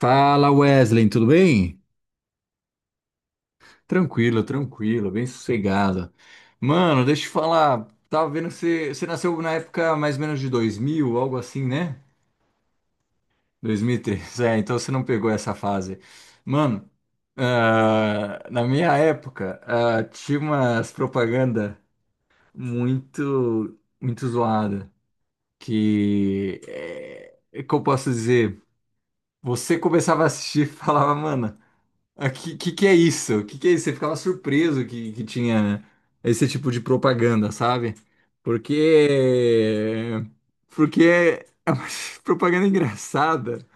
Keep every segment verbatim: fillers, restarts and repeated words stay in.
Fala, Wesley, tudo bem? Tranquilo, tranquilo, bem sossegado. Mano, deixa eu te falar, tava vendo que você, você nasceu na época mais ou menos de dois mil, algo assim, né? dois mil e três, é, então você não pegou essa fase. Mano, ah, na minha época, ah, tinha umas propaganda muito, muito zoada, que, é, como eu posso dizer, você começava a assistir e falava, mano... Ah, que, que que é isso? O que que é isso? Você ficava surpreso que, que tinha esse tipo de propaganda, sabe? Porque porque é uma propaganda engraçada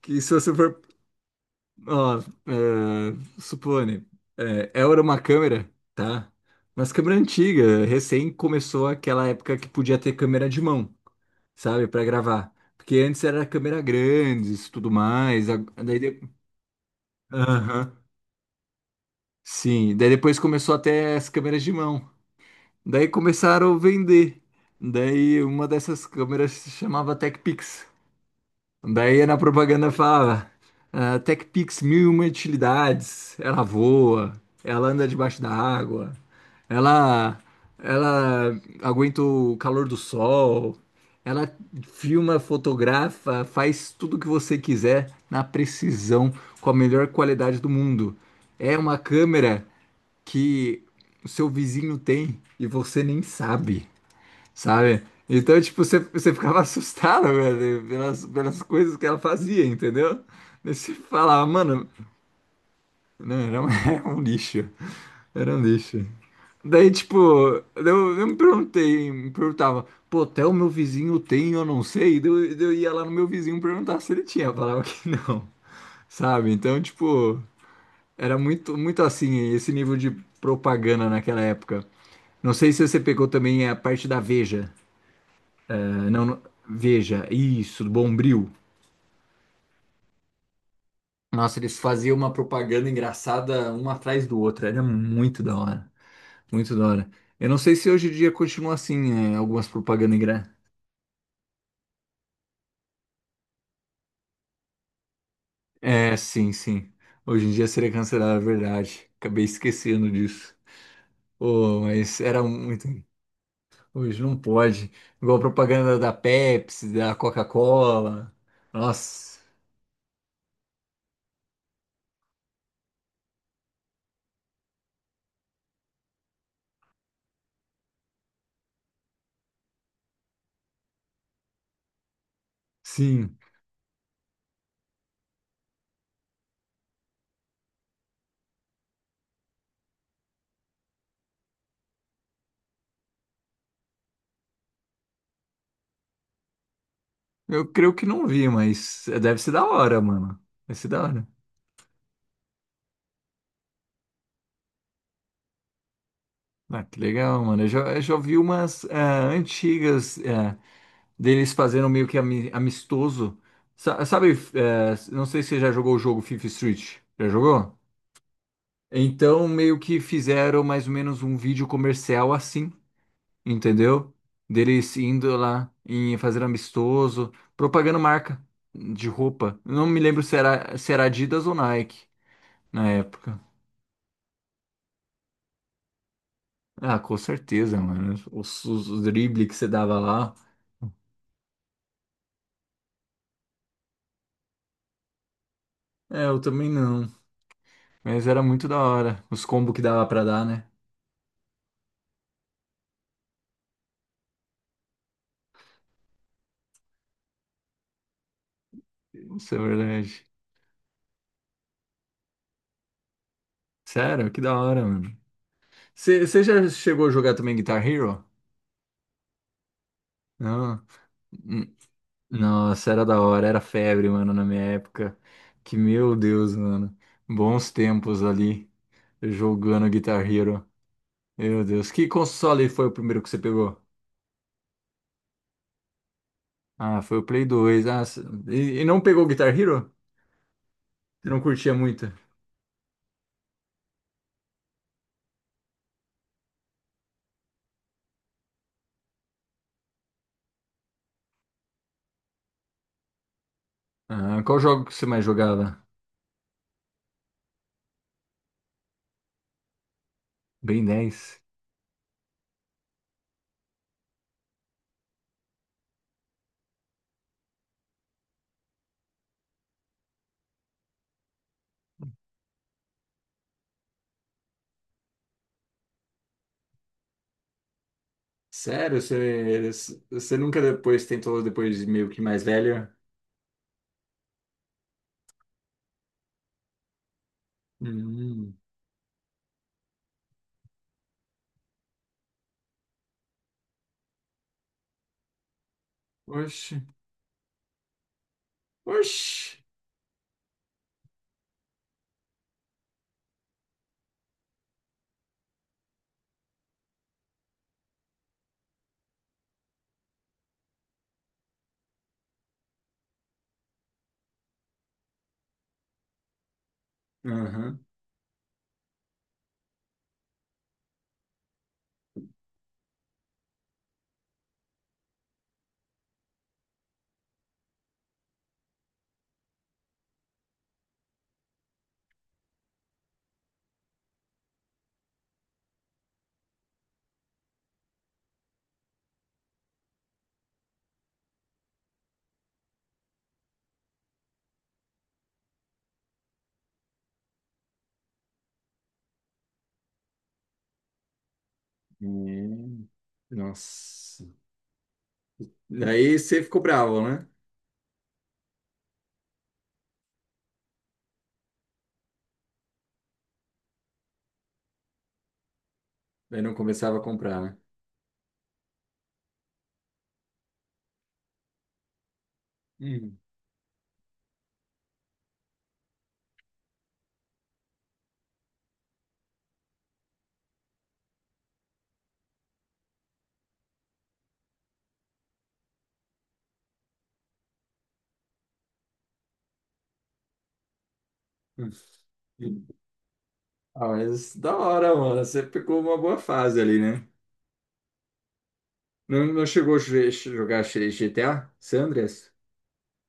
que se você for, ó, é, supone, é, era uma câmera, tá? Mas câmera antiga, recém começou aquela época que podia ter câmera de mão, sabe, pra gravar. Porque antes era câmera grandes, e tudo mais. a- Daí, de- Aham. Sim, daí depois começou até as câmeras de mão. Daí começaram a vender. Daí uma dessas câmeras se chamava TechPix. Daí na propaganda falava: ah, TechPix mil e uma utilidades. Ela voa, ela anda debaixo da água, ela, ela aguenta o calor do sol, ela filma, fotografa, faz tudo o que você quiser na precisão, com a melhor qualidade do mundo. É uma câmera que o seu vizinho tem e você nem sabe, sabe? Então, tipo, você, você ficava assustado, velho, pelas, pelas coisas que ela fazia, entendeu? Daí você falava, mano, não, era um, era um lixo, era um lixo. Daí, tipo, eu, eu me perguntei, me perguntava, pô, até o meu vizinho tem, eu não sei. Daí eu, daí eu ia lá no meu vizinho perguntar se ele tinha, falava que não, sabe? Então, tipo, era muito, muito assim, esse nível de propaganda naquela época. Não sei se você pegou também a parte da Veja. Ah, não, não- Veja, isso, do Bombril. Nossa, eles faziam uma propaganda engraçada uma atrás do outro. Era muito da hora. Muito da hora. Eu não sei se hoje em dia continua assim, é, algumas propagandas engraçadas. É, sim, sim. Hoje em dia seria cancelado, é verdade. Acabei esquecendo disso. Oh, mas era muito. Hoje não pode. Igual propaganda da Pepsi, da Coca-Cola. Nossa, sim. Eu creio que não vi, mas deve ser da hora, mano. Deve ser da hora. Ah, que legal, mano. Eu já, eu já vi umas ah, antigas ah, deles fazendo meio que ami- amistoso. Sa- sabe, eh, não sei se você já jogou o jogo Fifth Street. Já jogou? Então, meio que fizeram mais ou menos um vídeo comercial assim, entendeu? Deles indo lá e fazendo amistoso, propagando marca de roupa. Não me lembro se era, se era Adidas ou Nike na época. Ah, com certeza, mano. Os, os, dribles que você dava lá. É, eu também não. Mas era muito da hora. Os combos que dava pra dar, né? Isso é verdade. Sério, que da hora, mano. Você você já chegou a jogar também Guitar Hero? Não. Hum, nossa, era da hora. Era febre, mano, na minha época. Que meu Deus, mano. Bons tempos ali. Jogando Guitar Hero. Meu Deus. Que console foi o primeiro que você pegou? Ah, foi o Play dois. Ah, c- e, e não pegou Guitar Hero? Você não curtia muito? Ah, qual jogo que você mais jogava? Ben dez. Sério, você, você nunca depois tentou, depois de meio que mais velho? Hum, oxe, oxe. Aham. Hum, nossa. Daí você ficou bravo, né? Daí não começava a comprar, né? Hum. hum. Ah, mas da hora, mano. Você pegou uma boa fase ali, né? Não, não chegou a jo- jogar G T A San Andreas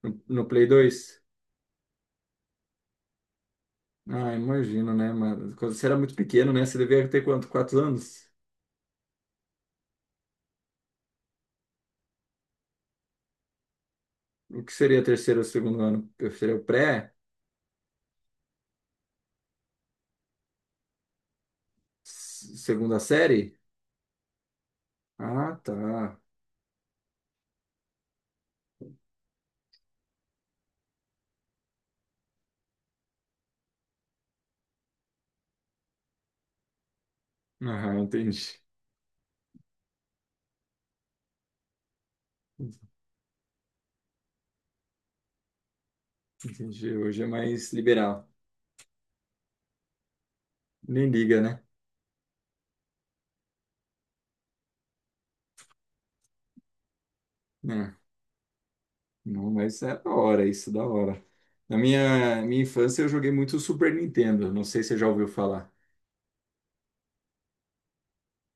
no, no Play dois? Ah, imagino, né, mas quando você era muito pequeno, né? Você devia ter quanto? Quatro anos? O que seria terceiro ou segundo ano? Seria o pré? S- Segunda série? Ah, tá. Ah, entendi. Entendi. Hoje é mais liberal. Nem liga, né? Né? Não, mas é da hora isso, da hora. Na minha, minha infância eu joguei muito Super Nintendo. Não sei se você já ouviu falar.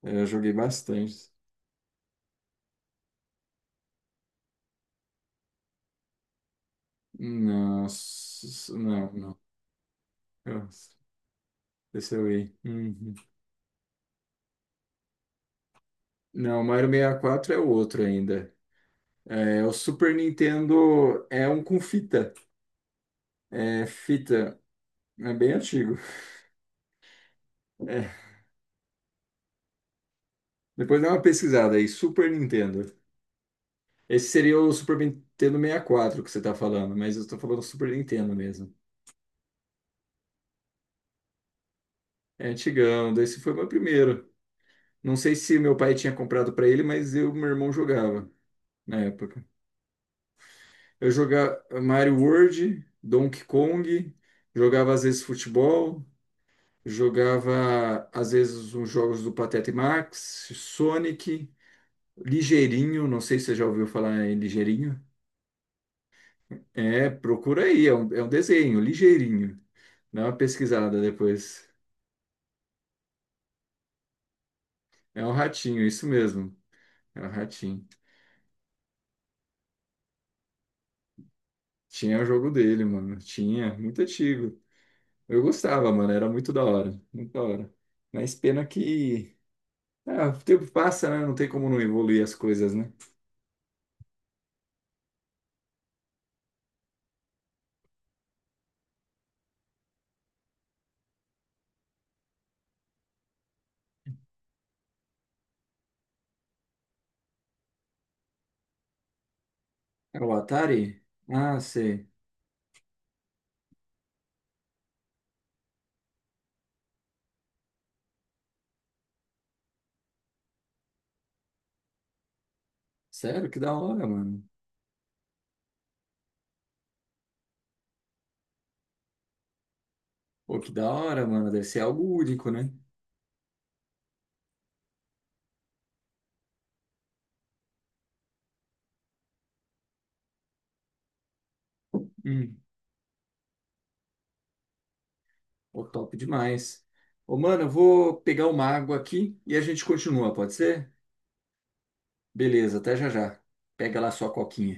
Eu joguei bastante. Não, s- não, não. Eu- esse eu ia. Não, o Mario sessenta e quatro é o outro ainda. É, o Super Nintendo é um com fita. É fita. É bem antigo. É. Depois dá uma pesquisada aí. Super Nintendo. Esse seria o Super Nintendo sessenta e quatro que você tá falando, mas eu tô falando Super Nintendo mesmo. É antigão. Esse foi o meu primeiro. Não sei se meu pai tinha comprado pra ele, mas eu, e meu irmão jogava na época. Eu jogava Mario World, Donkey Kong, jogava às vezes futebol. Jogava, às vezes, uns jogos do Pateta e Max, Sonic, Ligeirinho, não sei se você já ouviu falar em Ligeirinho. É, procura aí, é um, é um desenho, Ligeirinho. Dá uma pesquisada depois. É um ratinho, isso mesmo. É um ratinho. Tinha o jogo dele, mano. Tinha, muito antigo. Eu gostava, mano, era muito da hora, muito da hora. Mas pena que... Ah, o tempo passa, né? Não tem como não evoluir as coisas, né? É o Atari? Ah, sei. Sério? Que da hora, mano. Pô, que da hora, mano. Deve ser algo único, né? Hum, pô, top demais. Ô, mano, eu vou pegar uma água aqui e a gente continua, pode ser? Beleza, até já já. Pega lá sua coquinha.